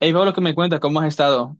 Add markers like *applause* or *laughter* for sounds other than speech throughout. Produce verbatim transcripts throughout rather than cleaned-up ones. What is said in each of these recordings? Hey Pablo, ¿qué me cuentas? ¿Cómo has estado?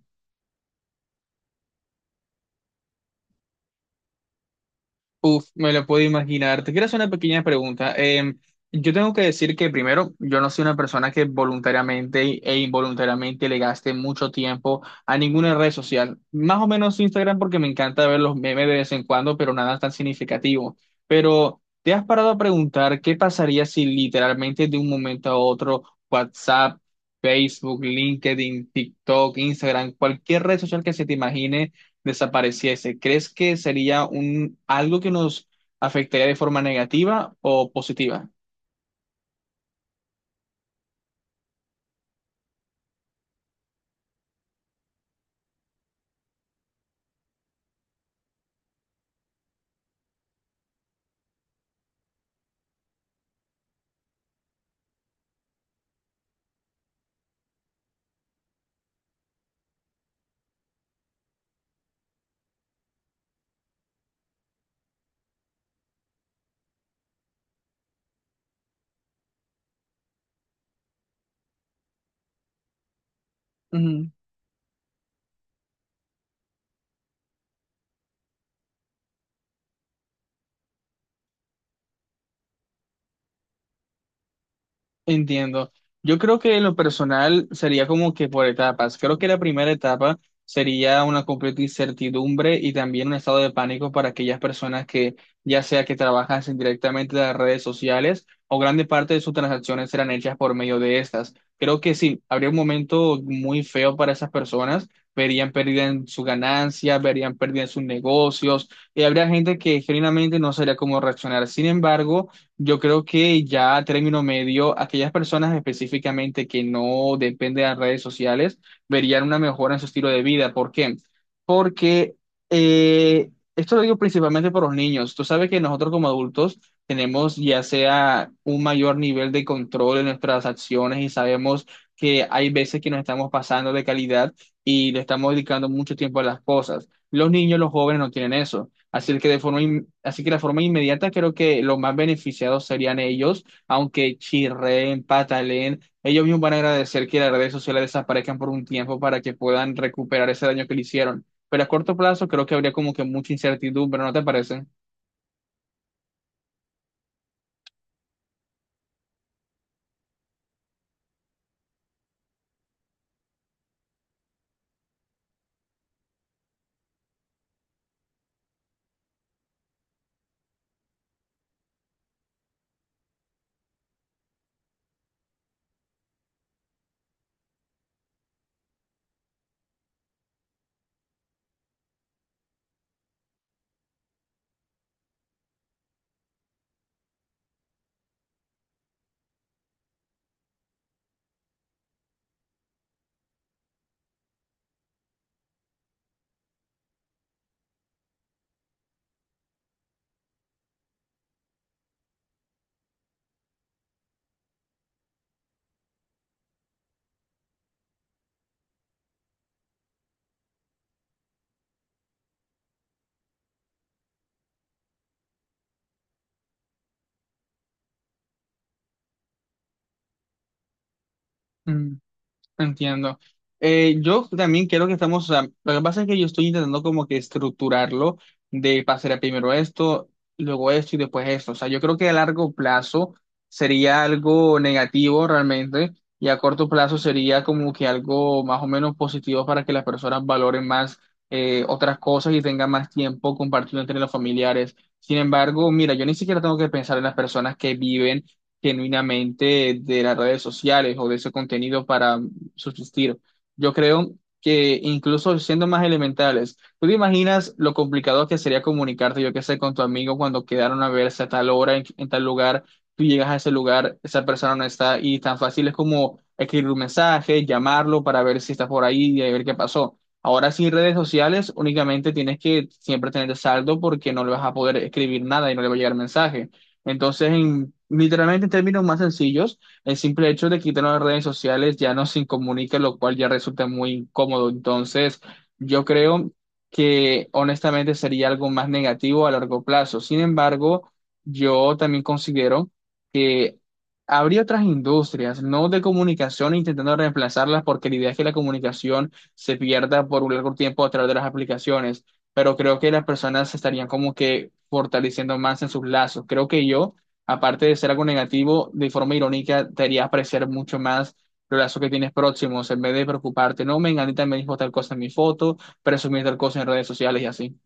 Uf, me lo puedo imaginar. Te quiero hacer una pequeña pregunta. Eh, yo tengo que decir que primero, yo no soy una persona que voluntariamente e involuntariamente le gaste mucho tiempo a ninguna red social. Más o menos Instagram porque me encanta ver los memes de vez en cuando, pero nada tan significativo. Pero, ¿te has parado a preguntar qué pasaría si literalmente de un momento a otro WhatsApp, Facebook, LinkedIn, TikTok, Instagram, cualquier red social que se te imagine desapareciese? ¿Crees que sería un algo que nos afectaría de forma negativa o positiva? Entiendo. Yo creo que en lo personal sería como que por etapas. Creo que la primera etapa sería una completa incertidumbre y también un estado de pánico para aquellas personas que, ya sea que trabajan directamente en las redes sociales o grande parte de sus transacciones serán hechas por medio de estas. Creo que sí, habría un momento muy feo para esas personas. Verían pérdida en su ganancia, verían pérdida en sus negocios y habría gente que genuinamente no sabría cómo reaccionar. Sin embargo, yo creo que ya a término medio, aquellas personas específicamente que no dependen de las redes sociales verían una mejora en su estilo de vida. ¿Por qué? Porque eh, esto lo digo principalmente por los niños. Tú sabes que nosotros como adultos tenemos ya sea un mayor nivel de control en nuestras acciones y sabemos que hay veces que nos estamos pasando de calidad y le estamos dedicando mucho tiempo a las cosas. Los niños, los jóvenes no tienen eso. Así que de forma, in- así que la forma inmediata creo que los más beneficiados serían ellos, aunque chirren, pataleen, ellos mismos van a agradecer que las redes sociales desaparezcan por un tiempo para que puedan recuperar ese daño que le hicieron. Pero a corto plazo creo que habría como que mucha incertidumbre, ¿no te parece? Entiendo. Eh, yo también creo que estamos, o sea, lo que pasa es que yo estoy intentando como que estructurarlo de pasar primero esto, luego esto y después esto. O sea, yo creo que a largo plazo sería algo negativo realmente y a corto plazo sería como que algo más o menos positivo para que las personas valoren más eh, otras cosas y tengan más tiempo compartido entre los familiares. Sin embargo, mira, yo ni siquiera tengo que pensar en las personas que viven genuinamente de las redes sociales o de ese contenido para subsistir. Yo creo que incluso siendo más elementales, ¿tú te imaginas lo complicado que sería comunicarte, yo qué sé, con tu amigo cuando quedaron a verse a tal hora, en, en tal lugar, tú llegas a ese lugar, esa persona no está y tan fácil es como escribir un mensaje, llamarlo para ver si está por ahí y a ver qué pasó? Ahora sin redes sociales únicamente tienes que siempre tener saldo porque no le vas a poder escribir nada y no le va a llegar mensaje. Entonces, en, literalmente en términos más sencillos, el simple hecho de quitar las redes sociales ya nos incomunica, lo cual ya resulta muy incómodo. Entonces, yo creo que honestamente sería algo más negativo a largo plazo. Sin embargo, yo también considero que habría otras industrias, no de comunicación, intentando reemplazarlas, porque la idea es que la comunicación se pierda por un largo tiempo a través de las aplicaciones. Pero creo que las personas se estarían como que fortaleciendo más en sus lazos. Creo que yo, aparte de ser algo negativo, de forma irónica, te haría apreciar mucho más los lazos que tienes próximos, en vez de preocuparte, no, Menganita me dijo tal cosa en mi foto, presumir tal cosa en redes sociales y así.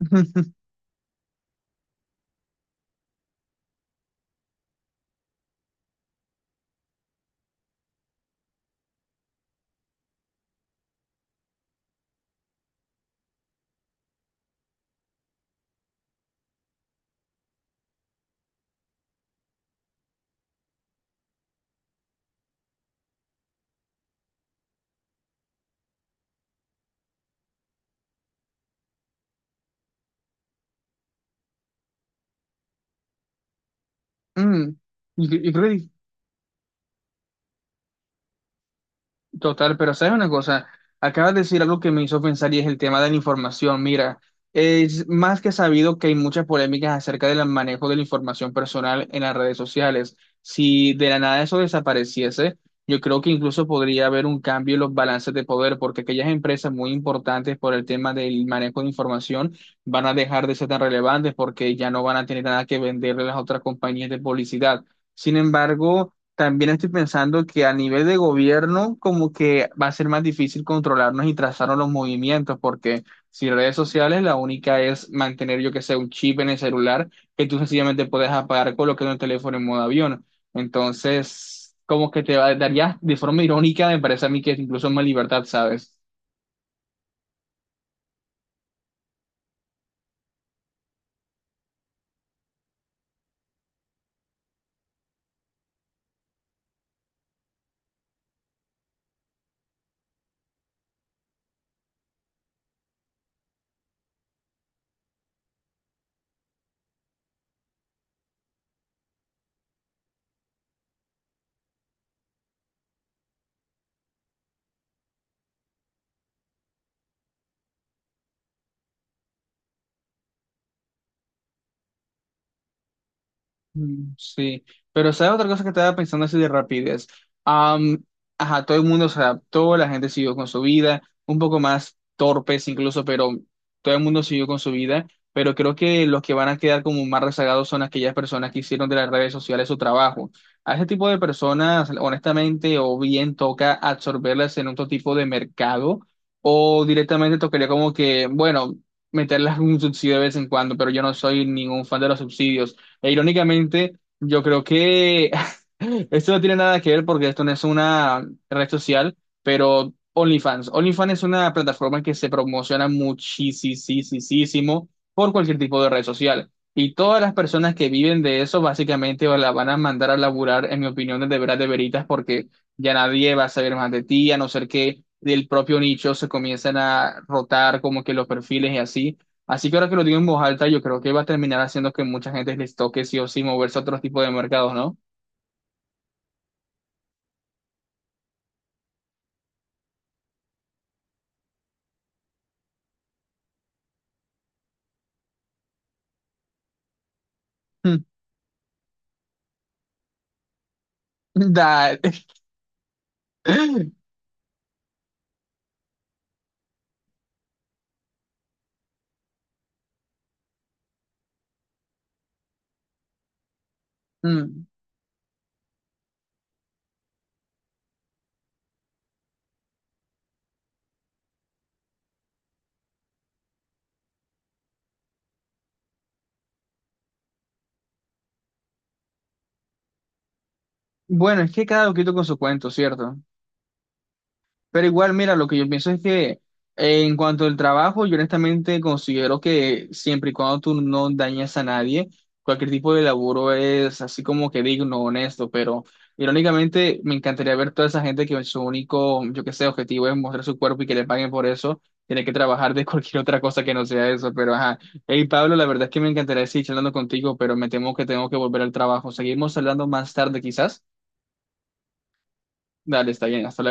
*laughs* Mm, y, y creo que total, pero sabes una cosa, acabas de decir algo que me hizo pensar y es el tema de la información. Mira, es más que sabido que hay muchas polémicas acerca del manejo de la información personal en las redes sociales. Si de la nada eso desapareciese, yo creo que incluso podría haber un cambio en los balances de poder, porque aquellas empresas muy importantes por el tema del manejo de información van a dejar de ser tan relevantes porque ya no van a tener nada que venderle a las otras compañías de publicidad. Sin embargo, también estoy pensando que a nivel de gobierno como que va a ser más difícil controlarnos y trazarnos los movimientos, porque si redes sociales la única es mantener yo que sé un chip en el celular que tú sencillamente puedes apagar colocando el teléfono en modo avión. Entonces, como que te va- daría de forma irónica, me parece a mí que es incluso más libertad, ¿sabes? Mm, Sí, pero ¿sabes otra cosa que estaba pensando así de rapidez? Am, ajá, todo el mundo se adaptó, la gente siguió con su vida, un poco más torpes incluso, pero todo el mundo siguió con su vida, pero creo que los que van a quedar como más rezagados son aquellas personas que hicieron de las redes sociales su trabajo. A ese tipo de personas, honestamente, o bien toca absorberlas en otro tipo de mercado, o directamente tocaría como que, bueno, meterlas en un subsidio de vez en cuando, pero yo no soy ningún fan de los subsidios. E irónicamente, yo creo que *laughs* esto no tiene nada que ver porque esto no es una red social, pero OnlyFans. OnlyFans es una plataforma que se promociona muchísimo por cualquier tipo de red social. Y todas las personas que viven de eso, básicamente la van a mandar a laburar, en mi opinión, desde veras de veritas, porque ya nadie va a saber más de ti, a no ser que del propio nicho se comiencen a rotar como que los perfiles y así. Así que ahora que lo digo en voz alta, yo creo que va a terminar haciendo que mucha gente les toque sí o sí moverse a otro tipo de mercados, ¿no? Mm. Dale. *laughs* Mm. Bueno, es que cada loquito con su cuento, ¿cierto? Pero igual, mira, lo que yo pienso es que eh, en cuanto al trabajo, yo honestamente considero que siempre y cuando tú no dañas a nadie, cualquier tipo de laburo es así como que digno, honesto, pero irónicamente me encantaría ver toda esa gente que su único, yo qué sé, objetivo es mostrar su cuerpo y que le paguen por eso, tiene que trabajar de *laughs* cualquier otra cosa que no sea eso, pero ajá. Hey Pablo, la verdad es que me encantaría seguir charlando contigo, pero me temo que tengo que volver al trabajo. Seguimos hablando más tarde quizás. Dale, está bien, hasta luego.